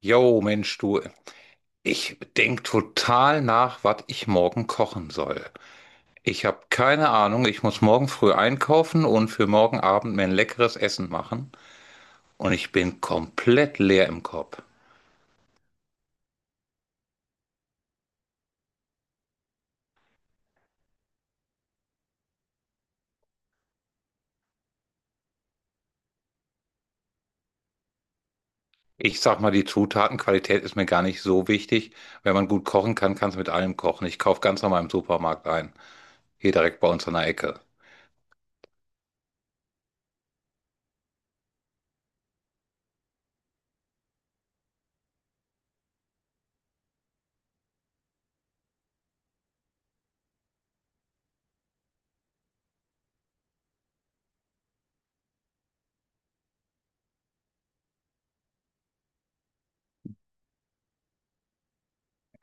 Jo, Mensch, du, ich denk total nach, was ich morgen kochen soll. Ich habe keine Ahnung, ich muss morgen früh einkaufen und für morgen Abend mir ein leckeres Essen machen. Und ich bin komplett leer im Kopf. Ich sag mal, die Zutatenqualität ist mir gar nicht so wichtig. Wenn man gut kochen kann, kann es mit allem kochen. Ich kaufe ganz normal im Supermarkt ein. Hier direkt bei uns an der Ecke.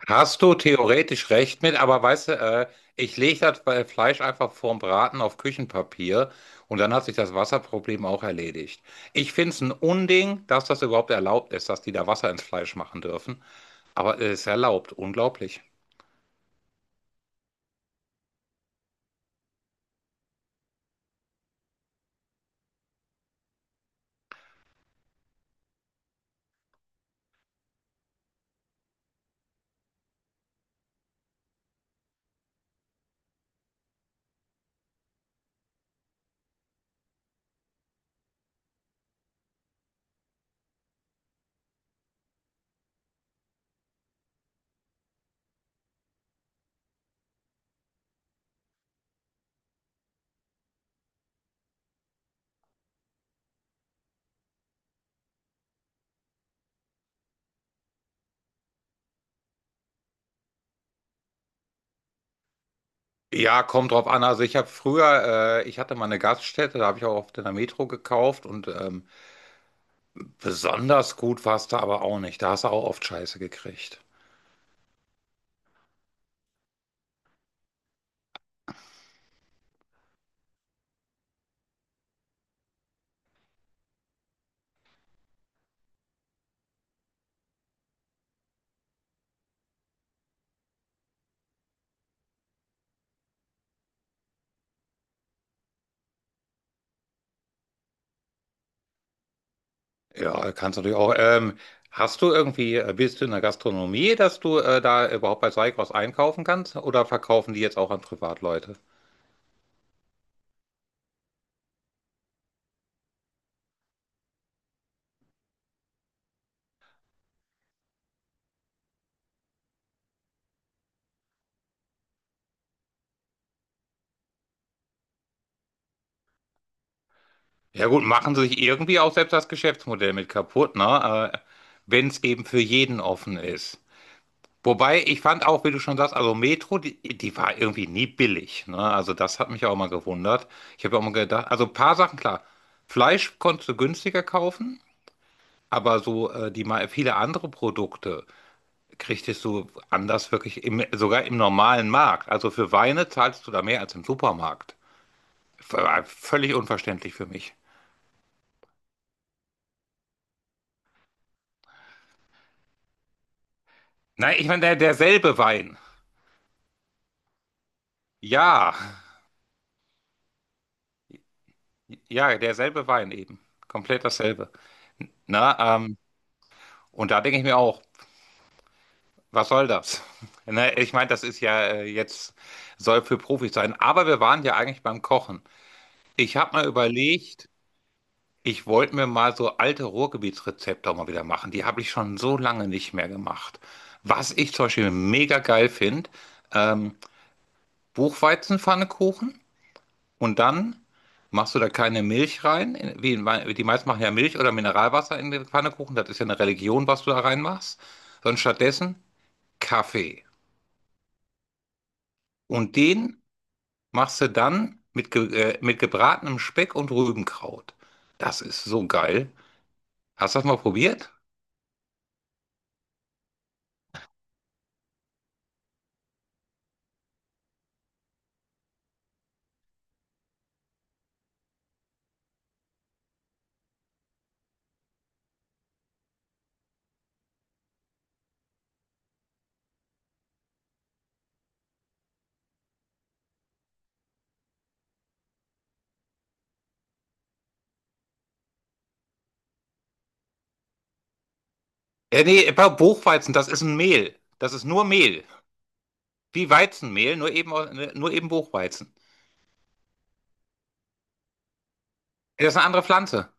Hast du theoretisch recht mit, aber weißt du, ich lege das bei Fleisch einfach vorm Braten auf Küchenpapier und dann hat sich das Wasserproblem auch erledigt. Ich finde es ein Unding, dass das überhaupt erlaubt ist, dass die da Wasser ins Fleisch machen dürfen, aber es ist erlaubt, unglaublich. Ja, kommt drauf an. Also ich habe früher, ich hatte mal eine Gaststätte, da habe ich auch oft in der Metro gekauft und besonders gut war es da aber auch nicht. Da hast du auch oft Scheiße gekriegt. Ja, kannst natürlich auch. Hast du irgendwie, bist du in der Gastronomie, dass du da überhaupt bei Seikos einkaufen kannst? Oder verkaufen die jetzt auch an Privatleute? Ja gut, machen sie sich irgendwie auch selbst das Geschäftsmodell mit kaputt, ne? Wenn es eben für jeden offen ist. Wobei, ich fand auch, wie du schon sagst, also Metro, die war irgendwie nie billig, ne? Also das hat mich auch mal gewundert. Ich habe auch mal gedacht, also ein paar Sachen, klar. Fleisch konntest du günstiger kaufen, aber so die mal viele andere Produkte kriegst du anders wirklich im, sogar im normalen Markt. Also für Weine zahlst du da mehr als im Supermarkt. V völlig unverständlich für mich. Nein, ich meine, derselbe Wein. Ja, ja, derselbe Wein eben. Komplett dasselbe. Na, und da denke ich mir auch, was soll das? Ne, ich meine, das ist ja jetzt, soll für Profis sein. Aber wir waren ja eigentlich beim Kochen. Ich habe mal überlegt, ich wollte mir mal so alte Ruhrgebietsrezepte auch mal wieder machen. Die habe ich schon so lange nicht mehr gemacht. Was ich zum Beispiel mega geil finde, ähm, Buchweizenpfannekuchen, und dann machst du da keine Milch rein. Die meisten machen ja Milch oder Mineralwasser in den Pfannekuchen. Das ist ja eine Religion, was du da reinmachst. Sondern stattdessen Kaffee. Und den machst du dann mit, ge mit gebratenem Speck und Rübenkraut. Das ist so geil. Hast du das mal probiert? Ja, nee, bei Buchweizen, das ist ein Mehl. Das ist nur Mehl. Wie Weizenmehl, nur eben Buchweizen. Das ist eine andere Pflanze.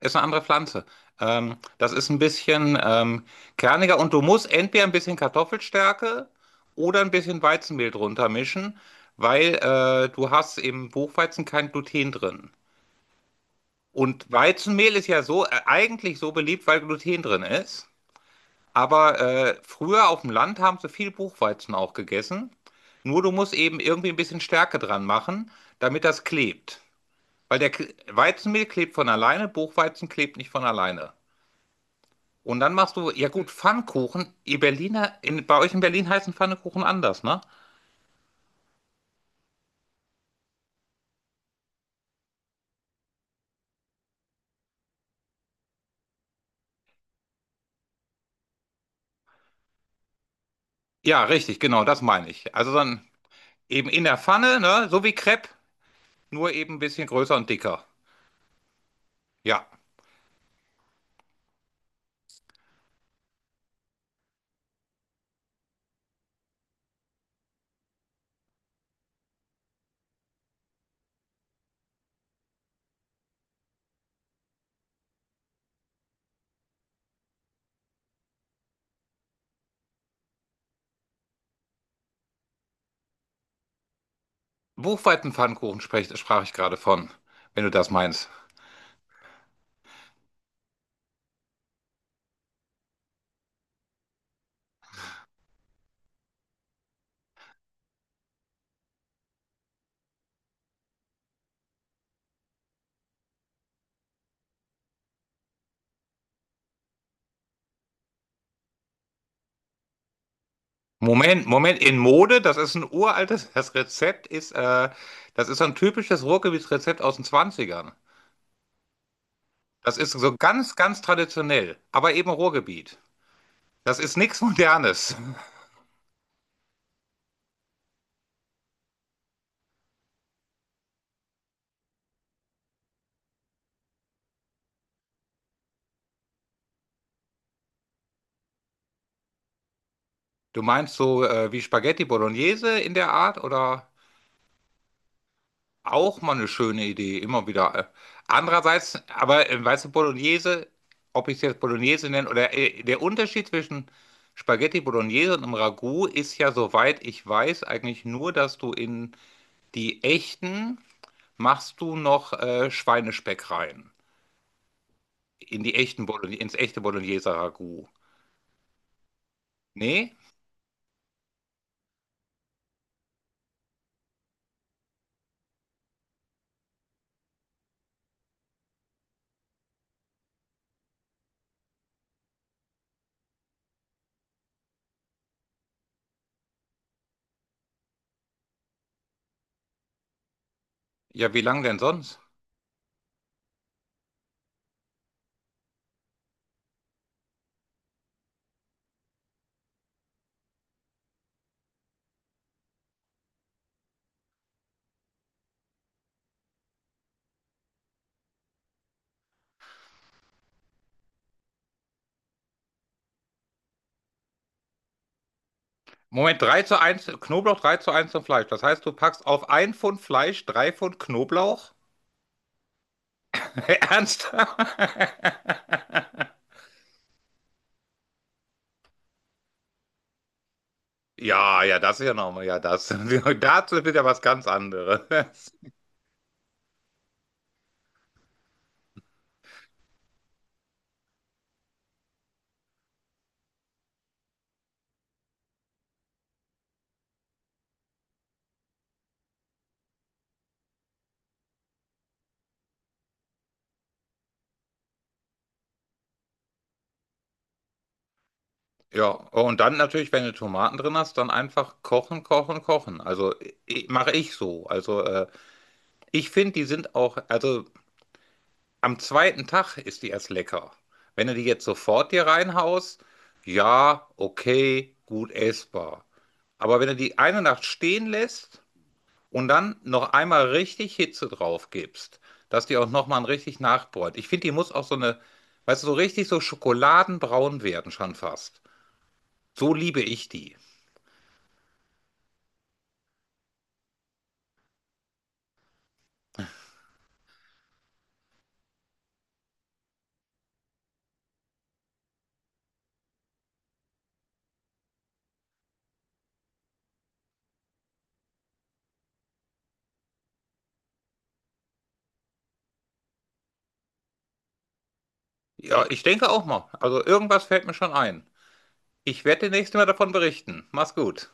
Ist eine andere Pflanze. Das ist ein bisschen kerniger und du musst entweder ein bisschen Kartoffelstärke oder ein bisschen Weizenmehl drunter mischen, weil du hast im Buchweizen kein Gluten drin. Und Weizenmehl ist ja so eigentlich so beliebt, weil Gluten drin ist. Aber früher auf dem Land haben sie viel Buchweizen auch gegessen. Nur du musst eben irgendwie ein bisschen Stärke dran machen, damit das klebt. Weizenmehl klebt von alleine, Buchweizen klebt nicht von alleine. Und dann machst du, ja gut, Pfannkuchen. Ihr Berliner, bei euch in Berlin heißen Pfannkuchen anders, ne? Ja, richtig, genau, das meine ich. Also dann eben in der Pfanne, ne? So wie Crepe, nur eben ein bisschen größer und dicker. Ja. Buchweizenpfannkuchen sprach ich gerade von, wenn du das meinst. Moment, Moment, in Mode, das ist ein uraltes, das Rezept ist, das ist so ein typisches Ruhrgebietsrezept aus den Zwanzigern. Das ist so ganz, ganz traditionell, aber eben Ruhrgebiet. Das ist nichts Modernes. Du meinst so wie Spaghetti Bolognese in der Art oder auch mal eine schöne Idee, immer wieder. Andererseits, aber weißt du, Bolognese, ob ich es jetzt Bolognese nenne oder der Unterschied zwischen Spaghetti Bolognese und einem Ragout ist ja, soweit ich weiß, eigentlich nur, dass du in die echten machst du noch Schweinespeck rein. In die echten Bologn Ins echte Bologneser Ragout. Nee? Ja, wie lang denn sonst? Moment, drei zu eins zum Fleisch. Das heißt, du packst auf ein Pfund Fleisch 3 Pfund Knoblauch? Ernsthaft? Ja, ja, das ist ja nochmal, ja, das. Dazu ist ja was ganz anderes. Ja, und dann natürlich, wenn du Tomaten drin hast, dann einfach kochen, kochen, kochen. Also mache ich so. Also ich finde, die sind auch, also am 2. Tag ist die erst lecker. Wenn du die jetzt sofort dir reinhaust, ja, okay, gut essbar. Aber wenn du die eine Nacht stehen lässt und dann noch einmal richtig Hitze drauf gibst, dass die auch nochmal richtig nachbräunt. Ich finde, die muss auch so eine, weißt du, so richtig so schokoladenbraun werden schon fast. So liebe ich die. Ja, ich denke auch mal. Also irgendwas fällt mir schon ein. Ich werde demnächst mal davon berichten. Mach's gut.